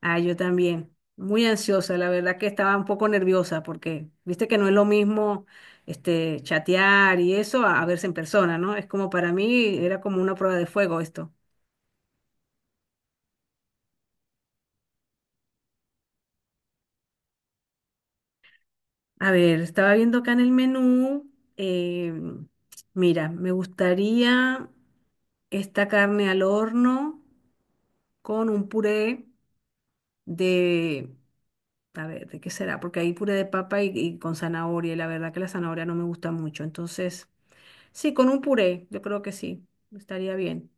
Ah, yo también. Muy ansiosa, la verdad que estaba un poco nerviosa porque viste que no es lo mismo este chatear y eso a verse en persona, ¿no? Es como para mí era como una prueba de fuego esto. A ver, estaba viendo acá en el menú. eh, Mira, me gustaría esta carne al horno con un puré de, a ver, ¿de qué será? Porque hay puré de papa y con zanahoria y la verdad que la zanahoria no me gusta mucho, entonces. Sí, con un puré, yo creo que sí, estaría bien.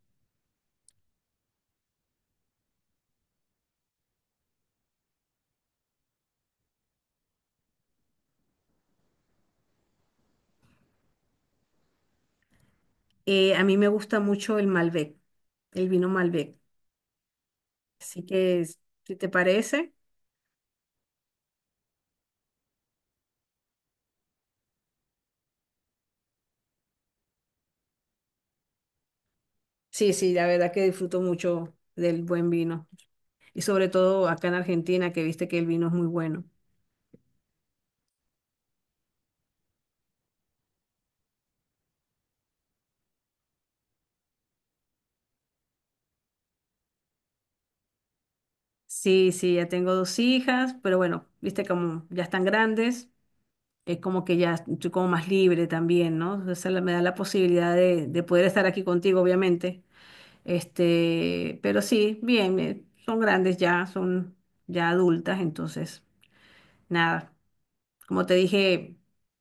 A mí me gusta mucho el Malbec, el vino Malbec. Así que, si te parece, sí, sí, la verdad que disfruto mucho del buen vino. Y sobre todo acá en Argentina, que viste que el vino es muy bueno. Sí, sí, ya tengo dos hijas, pero bueno, viste como ya están grandes, es como que ya estoy como más libre también, ¿no? O sea, me da la posibilidad de poder estar aquí contigo, obviamente. Este, pero sí, bien, son grandes ya, son ya adultas, entonces, nada, como te dije,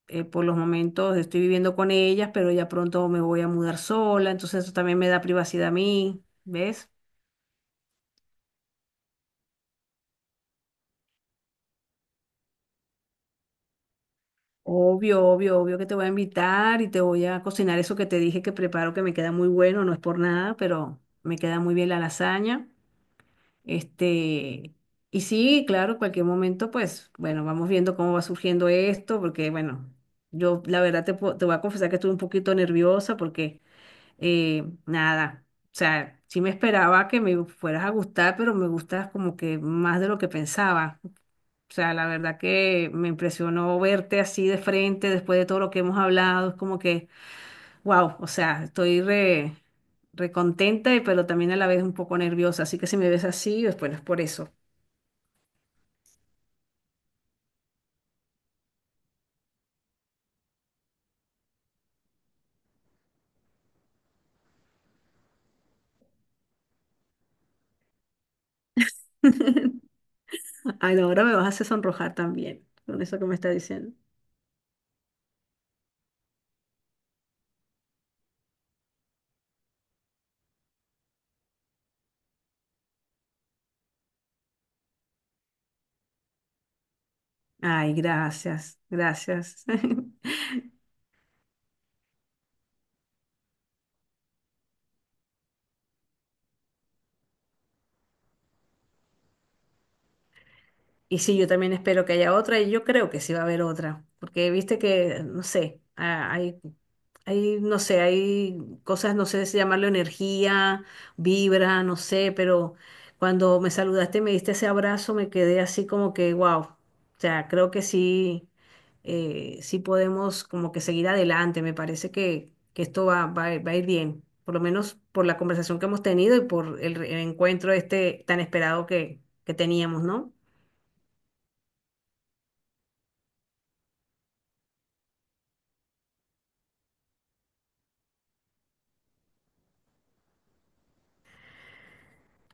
por los momentos estoy viviendo con ellas, pero ya pronto me voy a mudar sola, entonces eso también me da privacidad a mí, ¿ves? Obvio, obvio, obvio que te voy a invitar y te voy a cocinar eso que te dije que preparo, que me queda muy bueno, no es por nada, pero me queda muy bien la lasaña. Este, y sí, claro, cualquier momento, pues, bueno, vamos viendo cómo va surgiendo esto, porque, bueno, yo la verdad te, te voy a confesar que estuve un poquito nerviosa porque, nada, o sea, sí me esperaba que me fueras a gustar, pero me gustas como que más de lo que pensaba. O sea, la verdad que me impresionó verte así de frente después de todo lo que hemos hablado, es como que, wow, o sea, estoy recontenta, pero también a la vez un poco nerviosa, así que si me ves así, pues bueno, es por eso. Ay, no, ahora me vas a hacer sonrojar también con eso que me está diciendo. Ay, gracias, gracias. Y sí, yo también espero que haya otra y yo creo que sí va a haber otra, porque viste que, no sé, ah, no sé, hay cosas, no sé si llamarlo energía, vibra, no sé, pero cuando me saludaste, me diste ese abrazo, me quedé así como que, wow, o sea, creo que sí, sí podemos como que seguir adelante, me parece que esto va a ir va a ir bien, por lo menos por la conversación que hemos tenido y por el encuentro este tan esperado que teníamos, ¿no?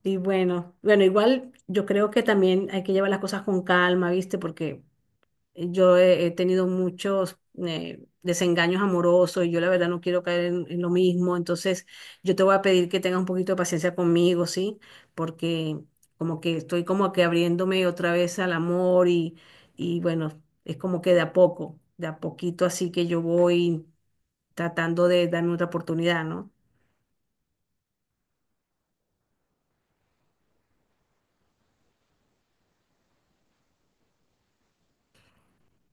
Y bueno, bueno, igual yo creo que también hay que llevar las cosas con calma, ¿viste? Porque yo he tenido muchos desengaños amorosos y yo la verdad no quiero caer en lo mismo. Entonces, yo te voy a pedir que tengas un poquito de paciencia conmigo, ¿sí? Porque como que estoy como que abriéndome otra vez al amor y bueno, es como que de a poco, de a poquito así que yo voy tratando de darme otra oportunidad, ¿no?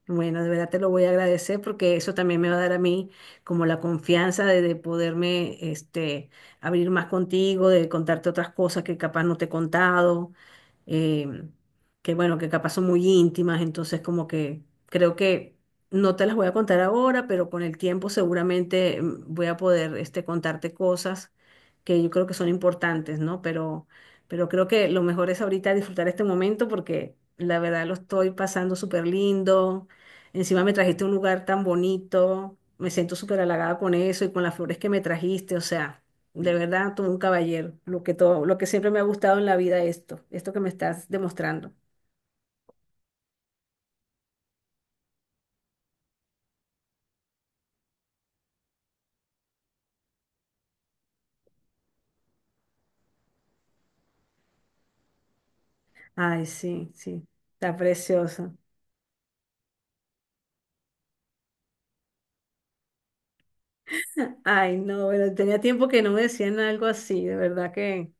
Bueno, de verdad te lo voy a agradecer porque eso también me va a dar a mí como la confianza de poderme este, abrir más contigo, de contarte otras cosas que capaz no te he contado, eh, que bueno, que capaz son muy íntimas, entonces como que creo que no te las voy a contar ahora, pero con el tiempo seguramente voy a poder este, contarte cosas que yo creo que son importantes, ¿no? Pero creo que lo mejor es ahorita disfrutar este momento porque la verdad lo estoy pasando súper lindo. Encima me trajiste a un lugar tan bonito, me siento súper halagada con eso y con las flores que me trajiste, o sea, de verdad, tú un caballero, lo que todo, lo que siempre me ha gustado en la vida esto, esto que me estás demostrando. Ay, sí, sí, está precioso. Ay, no, bueno, tenía tiempo que no me decían algo así, de verdad que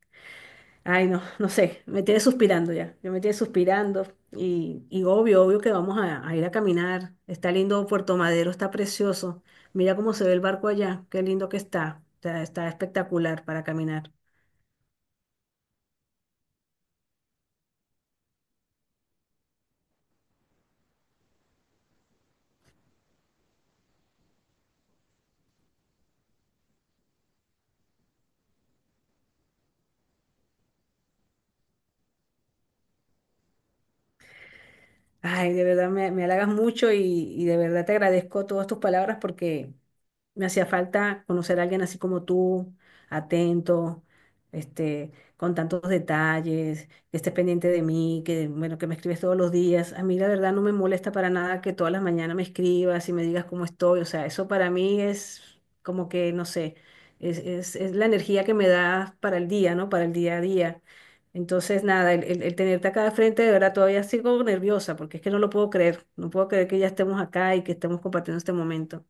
ay, no, no sé, me tiene suspirando ya, yo me tiene suspirando y obvio, obvio que vamos a ir a caminar. Está lindo Puerto Madero, está precioso. Mira cómo se ve el barco allá, qué lindo que está, está espectacular para caminar. Ay, de verdad me, me halagas mucho y de verdad te agradezco todas tus palabras porque me hacía falta conocer a alguien así como tú, atento, este, con tantos detalles, que estés pendiente de mí, que bueno, que me escribes todos los días. A mí la verdad no me molesta para nada que todas las mañanas me escribas y me digas cómo estoy. O sea, eso para mí es como que, no sé, es la energía que me das para el día, ¿no? Para el día a día. Entonces, nada, el tenerte acá de frente, de verdad, todavía sigo nerviosa porque es que no lo puedo creer. No puedo creer que ya estemos acá y que estemos compartiendo este momento.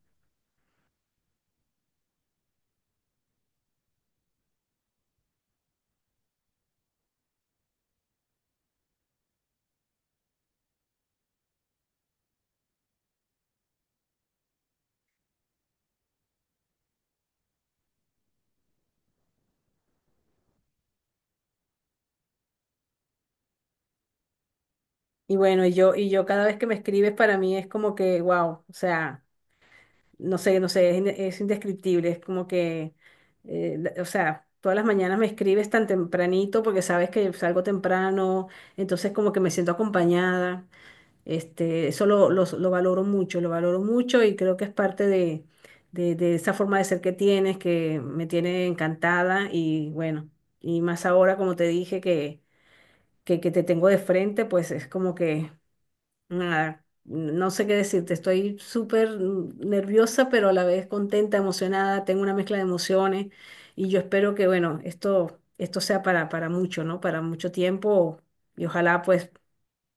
Y bueno, y yo cada vez que me escribes para mí es como que, wow, o sea, no sé, es, es indescriptible, es como que, o sea, todas las mañanas me escribes tan tempranito porque sabes que salgo temprano, entonces como que me siento acompañada. Este, eso lo valoro mucho y creo que es parte de, de esa forma de ser que tienes, que me tiene encantada y bueno, y más ahora, como te dije, que te tengo de frente, pues es como que, nada, no sé qué decirte, estoy súper nerviosa, pero a la vez contenta, emocionada, tengo una mezcla de emociones y yo espero que, bueno, esto sea para mucho, ¿no? Para mucho tiempo y ojalá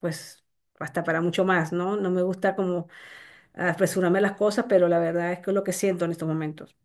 pues hasta para mucho más, ¿no? No me gusta como apresurarme las cosas, pero la verdad es que es lo que siento en estos momentos.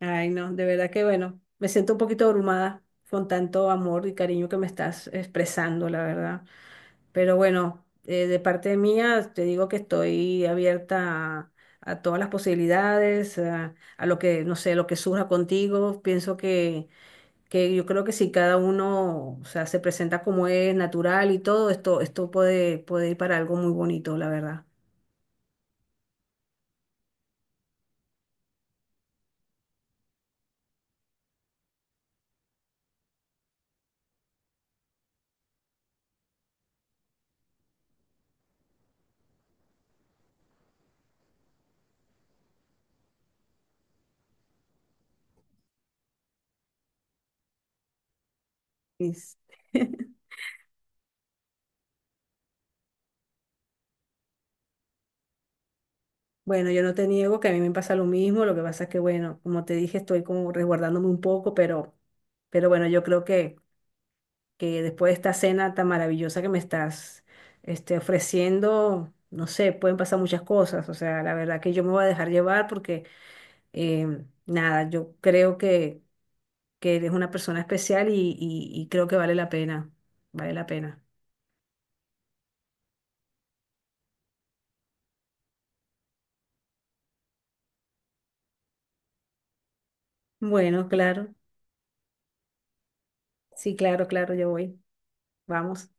Ay, no, de verdad que bueno, me siento un poquito abrumada con tanto amor y cariño que me estás expresando, la verdad. Pero bueno, de parte mía te digo que estoy abierta a todas las posibilidades, a lo que, no sé, lo que surja contigo. Pienso que yo creo que si cada uno, o sea, se presenta como es, natural y todo, esto puede, puede ir para algo muy bonito, la verdad. Es- Bueno, yo no te niego que a mí me pasa lo mismo, lo que pasa es que, bueno, como te dije, estoy como resguardándome un poco, pero bueno, yo creo que después de esta cena tan maravillosa que me estás este, ofreciendo, no sé, pueden pasar muchas cosas, o sea, la verdad que yo me voy a dejar llevar porque, nada, yo creo que eres una persona especial y, y creo que vale la pena, vale la pena. Bueno, claro, sí, claro, claro, yo voy, vamos.